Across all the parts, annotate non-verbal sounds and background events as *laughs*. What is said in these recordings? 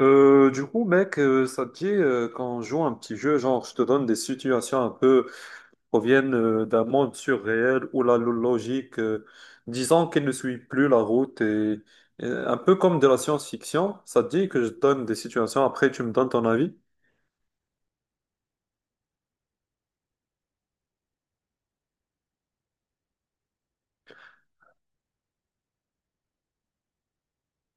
Mec, ça te dit qu'on joue un petit jeu, genre je te donne des situations un peu proviennent d'un monde surréel où logique, disons qu'elle ne suit plus la route et un peu comme de la science-fiction, ça te dit que je te donne des situations, après tu me donnes ton avis?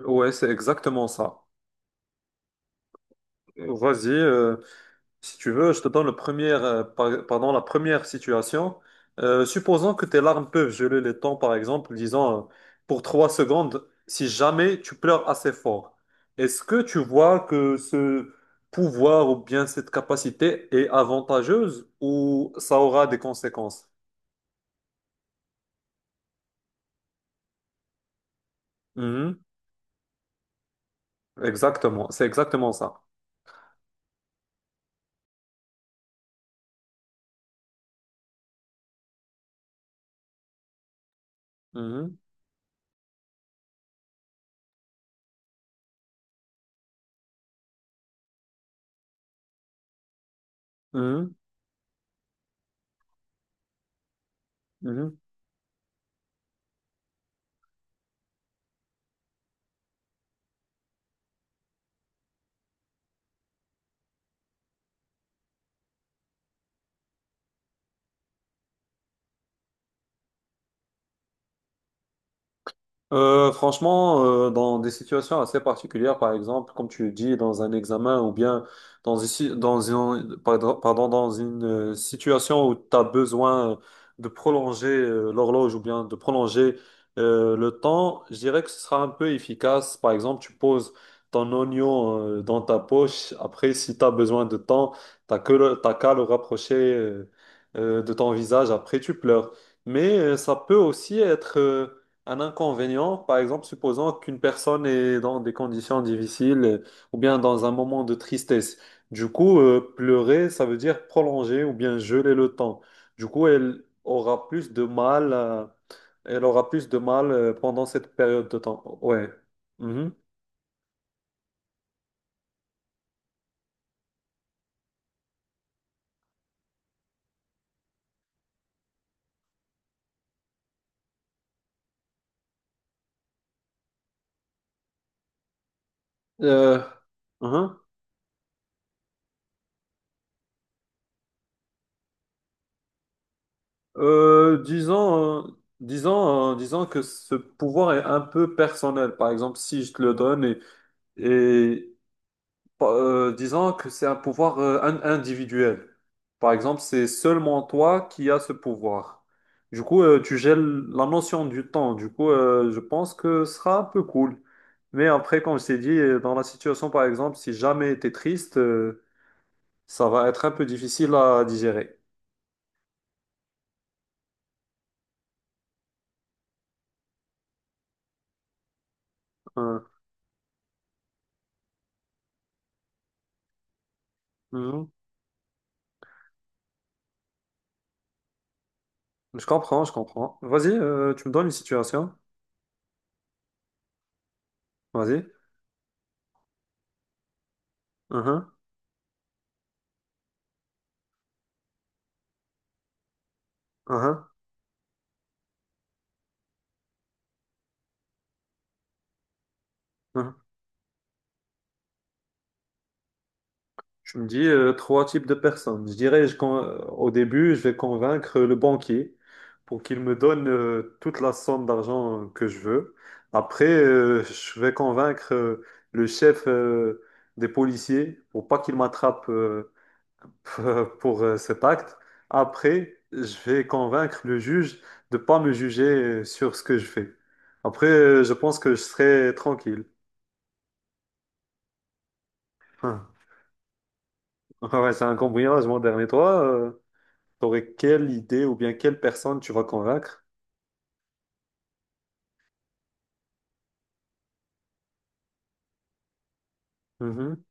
Ouais, c'est exactement ça. Vas-y. Si tu veux, je te donne le premier, pardon, la première situation. Supposons que tes larmes peuvent geler les temps, par exemple, disons pour trois secondes, si jamais tu pleures assez fort. Est-ce que tu vois que ce pouvoir ou bien cette capacité est avantageuse ou ça aura des conséquences? Mhm. Exactement, c'est exactement ça. Mhm. Mhm. Mhm. Franchement, dans des situations assez particulières, par exemple, comme tu le dis, dans un examen ou bien dans une, si- dans une- pardon, pardon, dans une situation où tu as besoin de prolonger l'horloge ou bien de prolonger le temps, je dirais que ce sera un peu efficace. Par exemple, tu poses ton oignon dans ta poche. Après, si tu as besoin de temps, t'as qu'à le rapprocher de ton visage. Après, tu pleures. Mais ça peut aussi être... un inconvénient, par exemple, supposons qu'une personne est dans des conditions difficiles ou bien dans un moment de tristesse. Du coup, pleurer, ça veut dire prolonger ou bien geler le temps. Elle aura plus de mal, pendant cette période de temps. Ouais. Mhm. Euh, mhm. Euh, disons, euh, Disons que ce pouvoir est un peu personnel. Par exemple, si je te le donne et, disons que c'est un pouvoir individuel. Par exemple, c'est seulement toi qui as ce pouvoir. Du coup, tu gèles la notion du temps. Du coup, je pense que ce sera un peu cool. Mais après, comme je t'ai dit, dans la situation, par exemple, si jamais tu es triste, ça va être un peu difficile à digérer. Hein. Mhm. Je comprends, je comprends. Vas-y, tu me donnes une situation. Vas-y. Mhm, mhm, mhm. Tu me dis trois types de personnes. Je dirais, au début, je vais convaincre le banquier pour qu'il me donne toute la somme d'argent que je veux. Après, je vais convaincre le chef des policiers pour pas qu'il m'attrape *laughs* pour cet acte. Après, je vais convaincre le juge de pas me juger sur ce que je fais. Après, je pense que je serai tranquille. *laughs* Ouais, c'est un cambriolage, mon dernier. Toi, t'aurais quelle idée ou bien quelle personne tu vas convaincre? Mhm,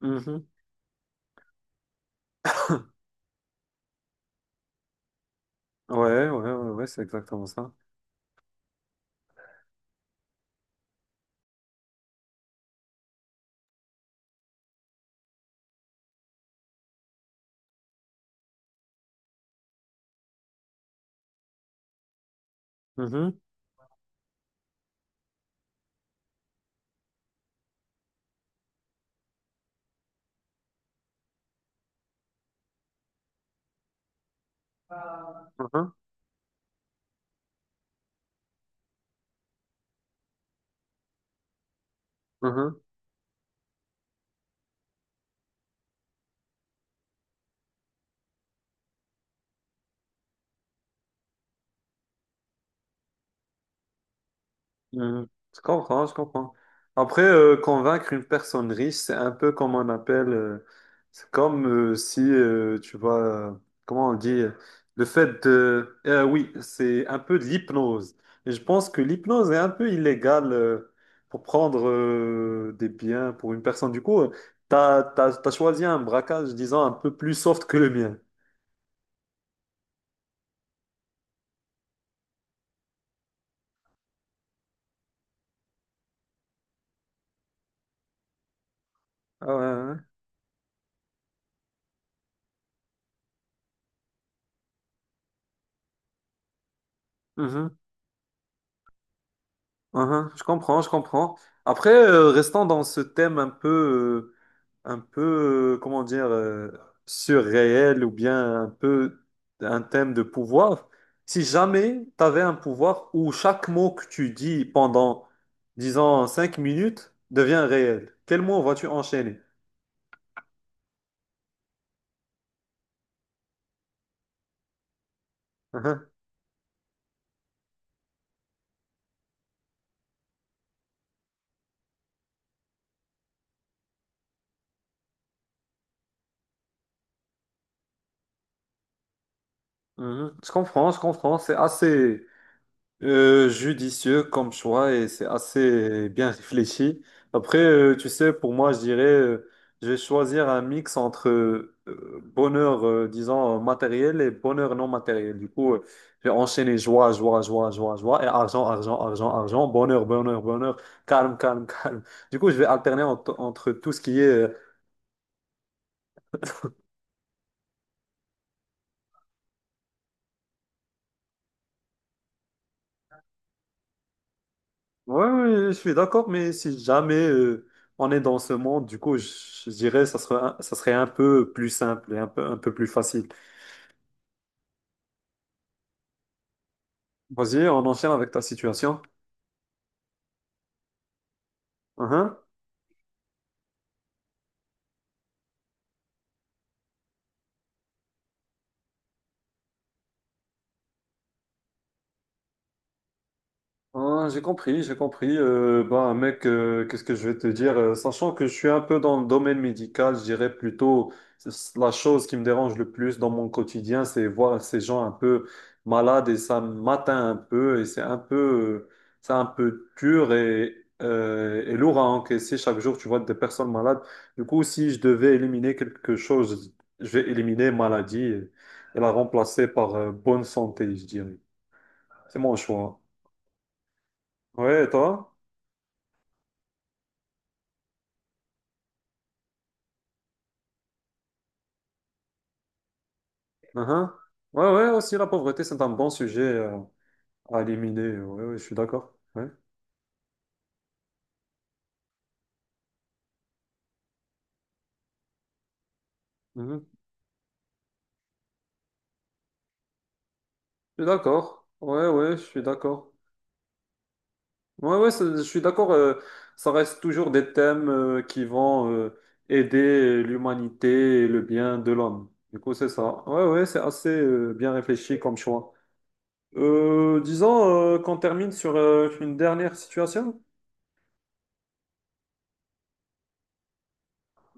mhm. Ouais, ouais, ouais, ouais, c'est exactement ça. Mhm, mhm, mhm. Mhm. Je comprends, je comprends. Après, convaincre une personne riche, c'est un peu comme on appelle, c'est comme si, tu vois, euh, comment on dit, oui, c'est un peu de l'hypnose. Et je pense que l'hypnose est un peu illégale pour prendre des biens pour une personne. Du coup, t'as choisi un braquage, disons, un peu plus soft que le mien. Ah ouais, ouais. Mhm, mhm. Je comprends, je comprends. Après, restons dans ce thème un peu... euh, comment dire, surréel ou bien un peu un thème de pouvoir. Si jamais tu avais un pouvoir où chaque mot que tu dis pendant, disons, 5 minutes devient réel, quel mot vas-tu enchaîner? *laughs* Mhm, mhm. Je comprends, c'est assez judicieux comme choix et c'est assez bien réfléchi. Après, tu sais, pour moi, je dirais, je vais choisir un mix entre bonheur, disons, matériel et bonheur non matériel. Du coup, je vais enchaîner joie, joie, joie, joie, joie et argent, argent, argent, argent, bonheur, bonheur, bonheur, calme, calme, *laughs* calme. Je vais entre tout ce qui est... ouais, ouais, je suis d'accord, mais si jamais on est dans ce monde, je dirais ça serait un peu plus simple et un peu plus facile. Vas-y, on enchaîne avec ta situation. Uh-huh. Ah, j'ai compris, j'ai compris. Bah, mec, qu'est-ce que je vais te dire? Sachant que je suis un peu dans le domaine médical, je dirais plutôt c'est la chose qui me dérange le plus dans mon quotidien, c'est voir ces gens un peu malades et ça m'atteint un peu et c'est un peu dur et et lourd à encaisser chaque jour. Tu vois des personnes malades. Du coup, si je devais éliminer quelque chose, je vais éliminer maladie et la remplacer par bonne santé, je dirais. C'est mon choix. Ouais, et toi? Mhm. Ouais, ouais, aussi la pauvreté, c'est un bon sujet à éliminer. Ouais, ouais, je suis d'accord. Ouais. Mhm. Je suis d'accord. Ouais, ouais, je suis d'accord. Je suis d'accord. Ça reste toujours des thèmes qui vont aider l'humanité et le bien de l'homme. Du coup, c'est ça. Ouais, ouais, c'est assez bien réfléchi comme choix. Disons qu'on termine sur une dernière situation.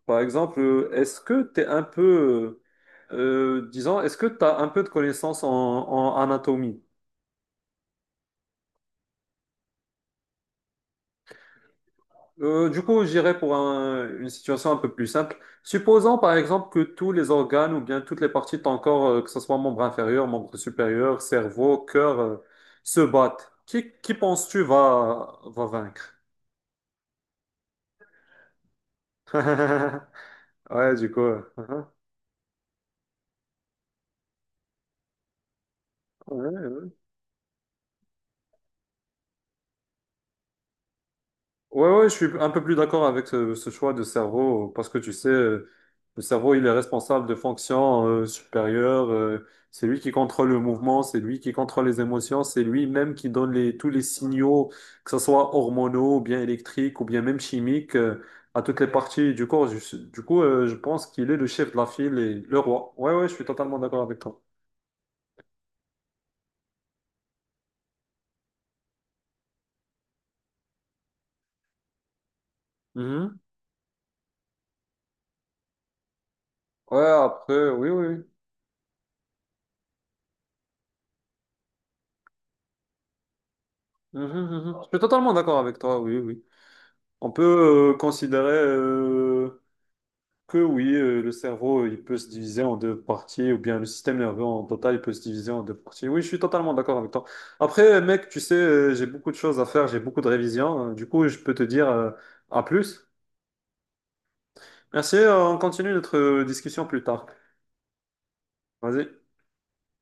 Par exemple, est-ce que tu es un peu. Disons, est-ce que tu as un peu de connaissances en anatomie? Du coup, j'irai pour une situation un peu plus simple. Supposons par exemple que tous les organes ou bien toutes les parties de ton corps, que ce soit membre inférieur, membre supérieur, cerveau, cœur, se battent. Qui penses-tu va vaincre? *laughs* Ouais, du coup. *laughs* ouais, ouais. Ouais, ouais, je suis un peu plus d'accord avec ce choix de cerveau, parce que tu sais, le cerveau, il est responsable de fonctions supérieures, c'est lui qui contrôle le mouvement, c'est lui qui contrôle les émotions, c'est lui-même qui donne tous les signaux, que ce soit hormonaux, ou bien électriques, ou bien même chimiques, à toutes les parties du corps. Du coup, je pense qu'il est le chef de la file et le roi. Ouais, ouais, je suis totalement d'accord avec toi. Mhm. Ouais, après, oui, oui. oui. Mhm, mhm. Je suis totalement d'accord avec toi, oui, oui. On peut considérer que oui, le cerveau, il peut se diviser en deux parties, ou bien le système nerveux en total, il peut se diviser en deux parties. Oui, je suis totalement d'accord avec toi. Après, mec, tu sais, j'ai beaucoup de choses à faire, j'ai beaucoup de révisions. Du coup, je peux te dire à plus. Merci, on continue notre discussion plus tard. Vas-y.